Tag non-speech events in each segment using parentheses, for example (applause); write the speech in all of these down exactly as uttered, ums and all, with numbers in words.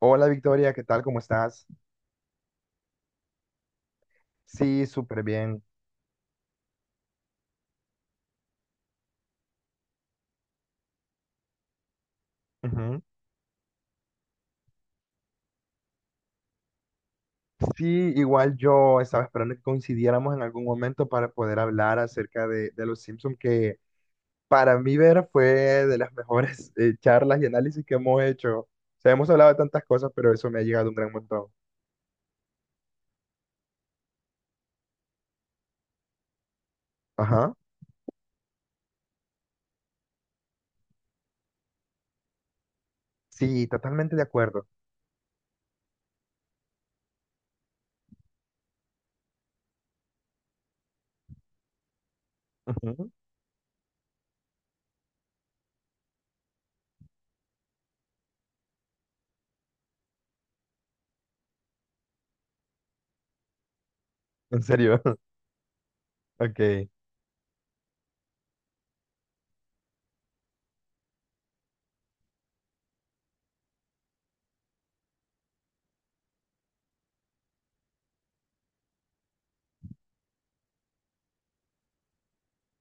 Hola Victoria, ¿qué tal? ¿Cómo estás? Sí, súper bien. Ujú. Sí, igual yo estaba esperando que coincidiéramos en algún momento para poder hablar acerca de, de los Simpsons, que para mí ver fue de las mejores (laughs) eh, charlas y análisis que hemos hecho. O sea, hemos hablado de tantas cosas, pero eso me ha llegado un gran montón. Ajá. Sí, totalmente de acuerdo. Ujú. En serio. (laughs) Ok,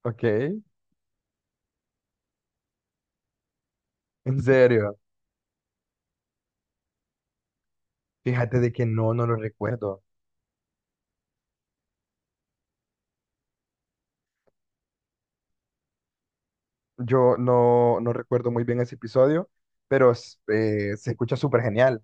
ok. En serio. Fíjate de que no, no lo recuerdo. Yo no, no recuerdo muy bien ese episodio, pero s- eh, se escucha súper genial.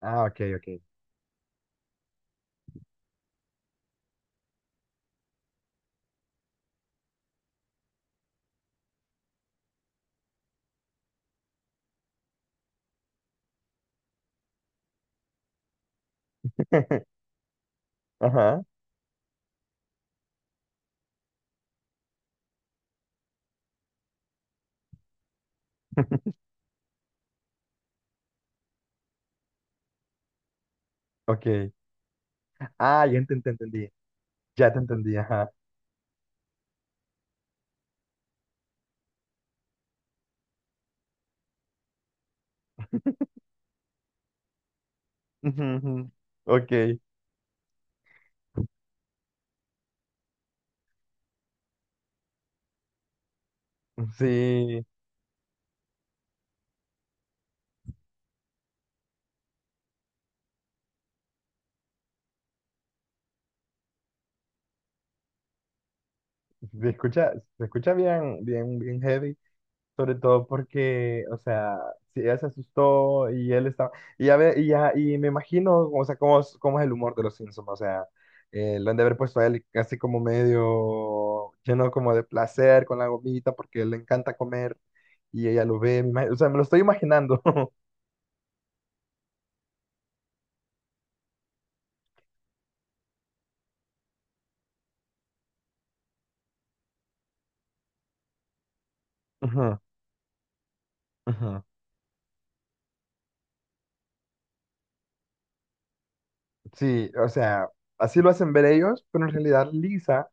Ah, ok, ok. (laughs) Ajá, ok. Ah, ya te, te entendí. Ya te entendí, ajá. Ujú, ujú. Ok. Sí, se escucha, se escucha bien, bien, bien heavy. Sobre todo porque, o sea, si ella se asustó y él estaba. Y ya, ve- y ya y me imagino, o sea, cómo es, cómo es el humor de los Simpsons. O sea, eh, lo han de haber puesto a él así como medio lleno como de placer con la gomita porque le encanta comer y ella lo ve. me ima- O sea, me lo estoy imaginando. (laughs) Ujú, ujú. Sí, o sea, así lo hacen ver ellos, pero en realidad Lisa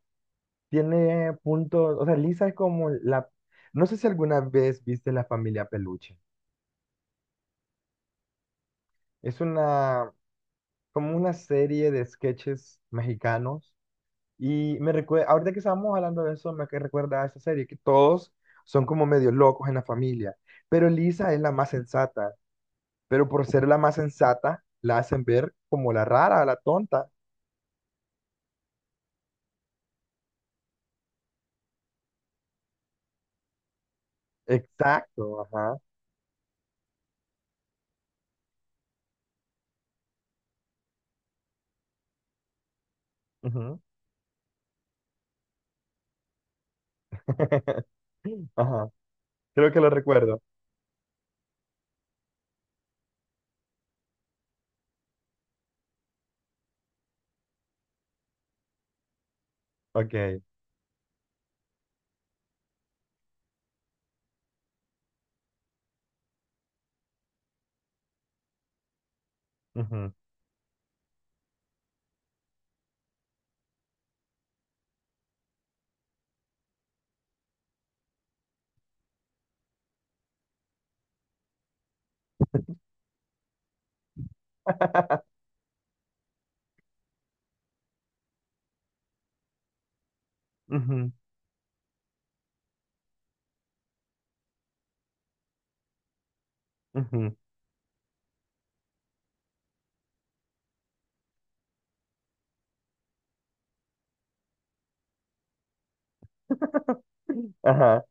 tiene puntos, o sea, Lisa es como la, no sé si alguna vez viste La Familia Peluche. Es una, como una serie de sketches mexicanos. Y me recuerda, ahorita que estábamos hablando de eso, me que recuerda a esa serie, que todos son como medio locos en la familia, pero Lisa es la más sensata, pero por ser la más sensata, la hacen ver como la rara, la tonta. Exacto, ajá. Ujú. (laughs) Ajá, creo que lo recuerdo. Ok. Ujú, (laughs) ujú, ujú. (laughs) Ajá.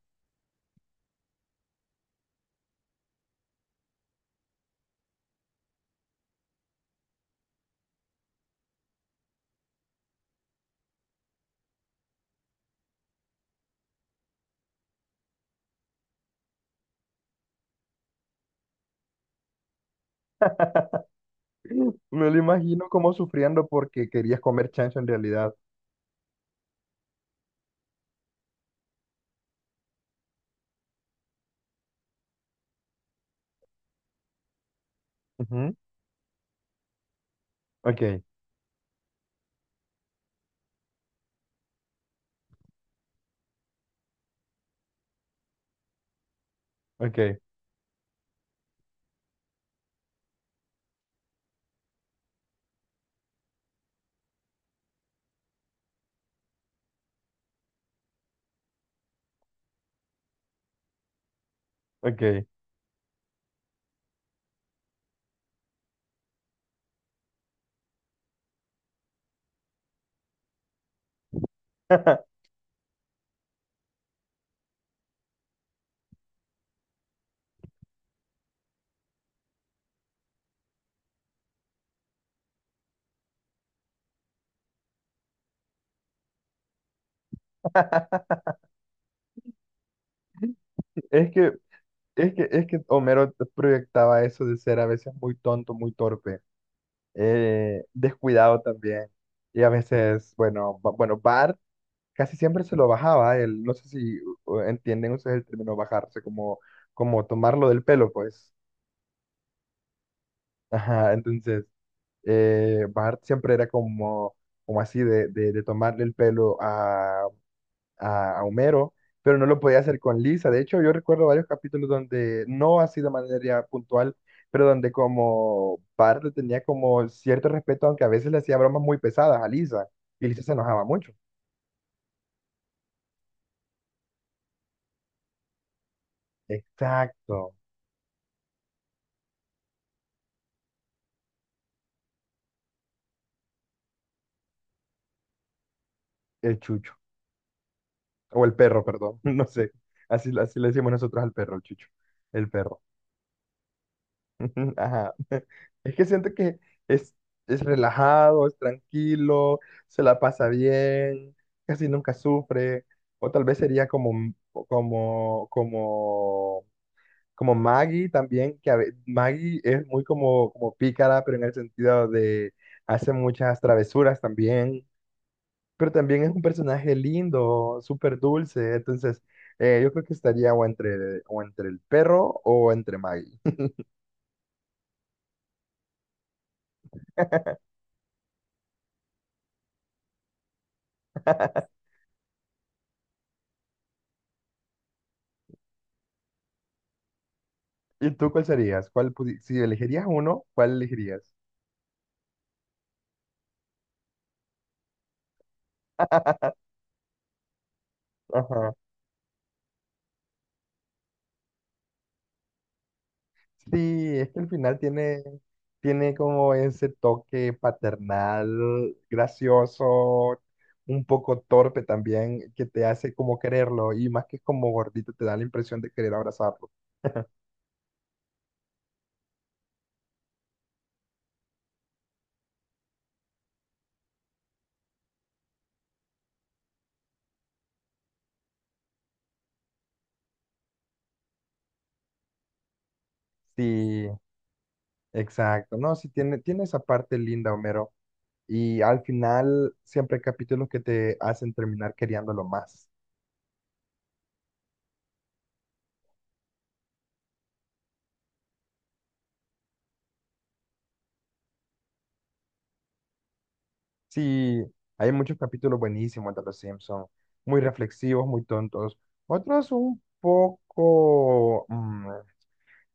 Me lo imagino como sufriendo porque querías comer chancho en realidad. Ok, ok, ok. (laughs) Es que, es que, es que Homero proyectaba eso de ser a veces muy tonto, muy torpe, eh, descuidado también. Y a veces, bueno, ba- bueno, Bart casi siempre se lo bajaba. Él, no sé si uh, entienden ustedes el término bajarse, como, como tomarlo del pelo, pues. Ajá, entonces, eh, Bart siempre era como, como así de, de, de tomarle el pelo a a, a, Homero, pero no lo podía hacer con Lisa. De hecho, yo recuerdo varios capítulos donde, no así de manera puntual, pero donde como Bart le tenía como cierto respeto, aunque a veces le hacía bromas muy pesadas a Lisa, y Lisa se enojaba mucho. Exacto, el chucho, o el perro, perdón, (laughs) no sé, así, así le decimos nosotros al perro, el chucho, el perro. (laughs) Ajá. (laughs) Es que siento que es, es relajado, es tranquilo, se la pasa bien, casi nunca sufre. O tal vez sería como, M- como, como, como Maggie también, que a ve- Maggie es muy como, como pícara, pero en el sentido de hace muchas travesuras también. Pero también es un personaje lindo, súper dulce. Entonces, eh, yo creo que estaría o entre, o entre el perro o entre Maggie. ¿Y tú cuál serías? ¿Cuál pudi- si elegirías uno, cuál elegirías? Ajá. Sí, es que al final tiene, tiene como ese toque paternal, gracioso, un poco torpe también, que te hace como quererlo y más que como gordito te da la impresión de querer abrazarlo. Sí, exacto, ¿no? Sí, tiene, tiene esa parte linda, Homero. Y al final siempre hay capítulos que te hacen terminar queriéndolo más. Sí, hay muchos capítulos buenísimos de Los Simpson muy reflexivos, muy tontos. Otros un poco, mm,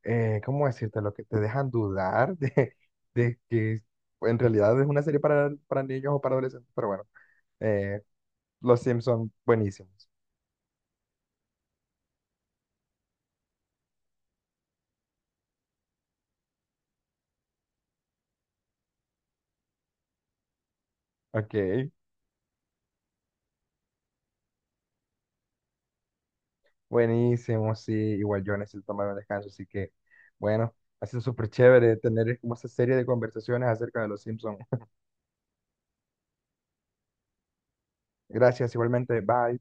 eh, ¿cómo decirte? Lo que te dejan dudar de, de que en realidad es una serie para, para niños o para adolescentes, pero bueno, eh, Los Simpson buenísimos. Ok, buenísimos, sí, igual yo necesito tomar un descanso, así que bueno, ha sido súper chévere tener como esa serie de conversaciones acerca de Los Simpson. (laughs) Gracias, igualmente, bye.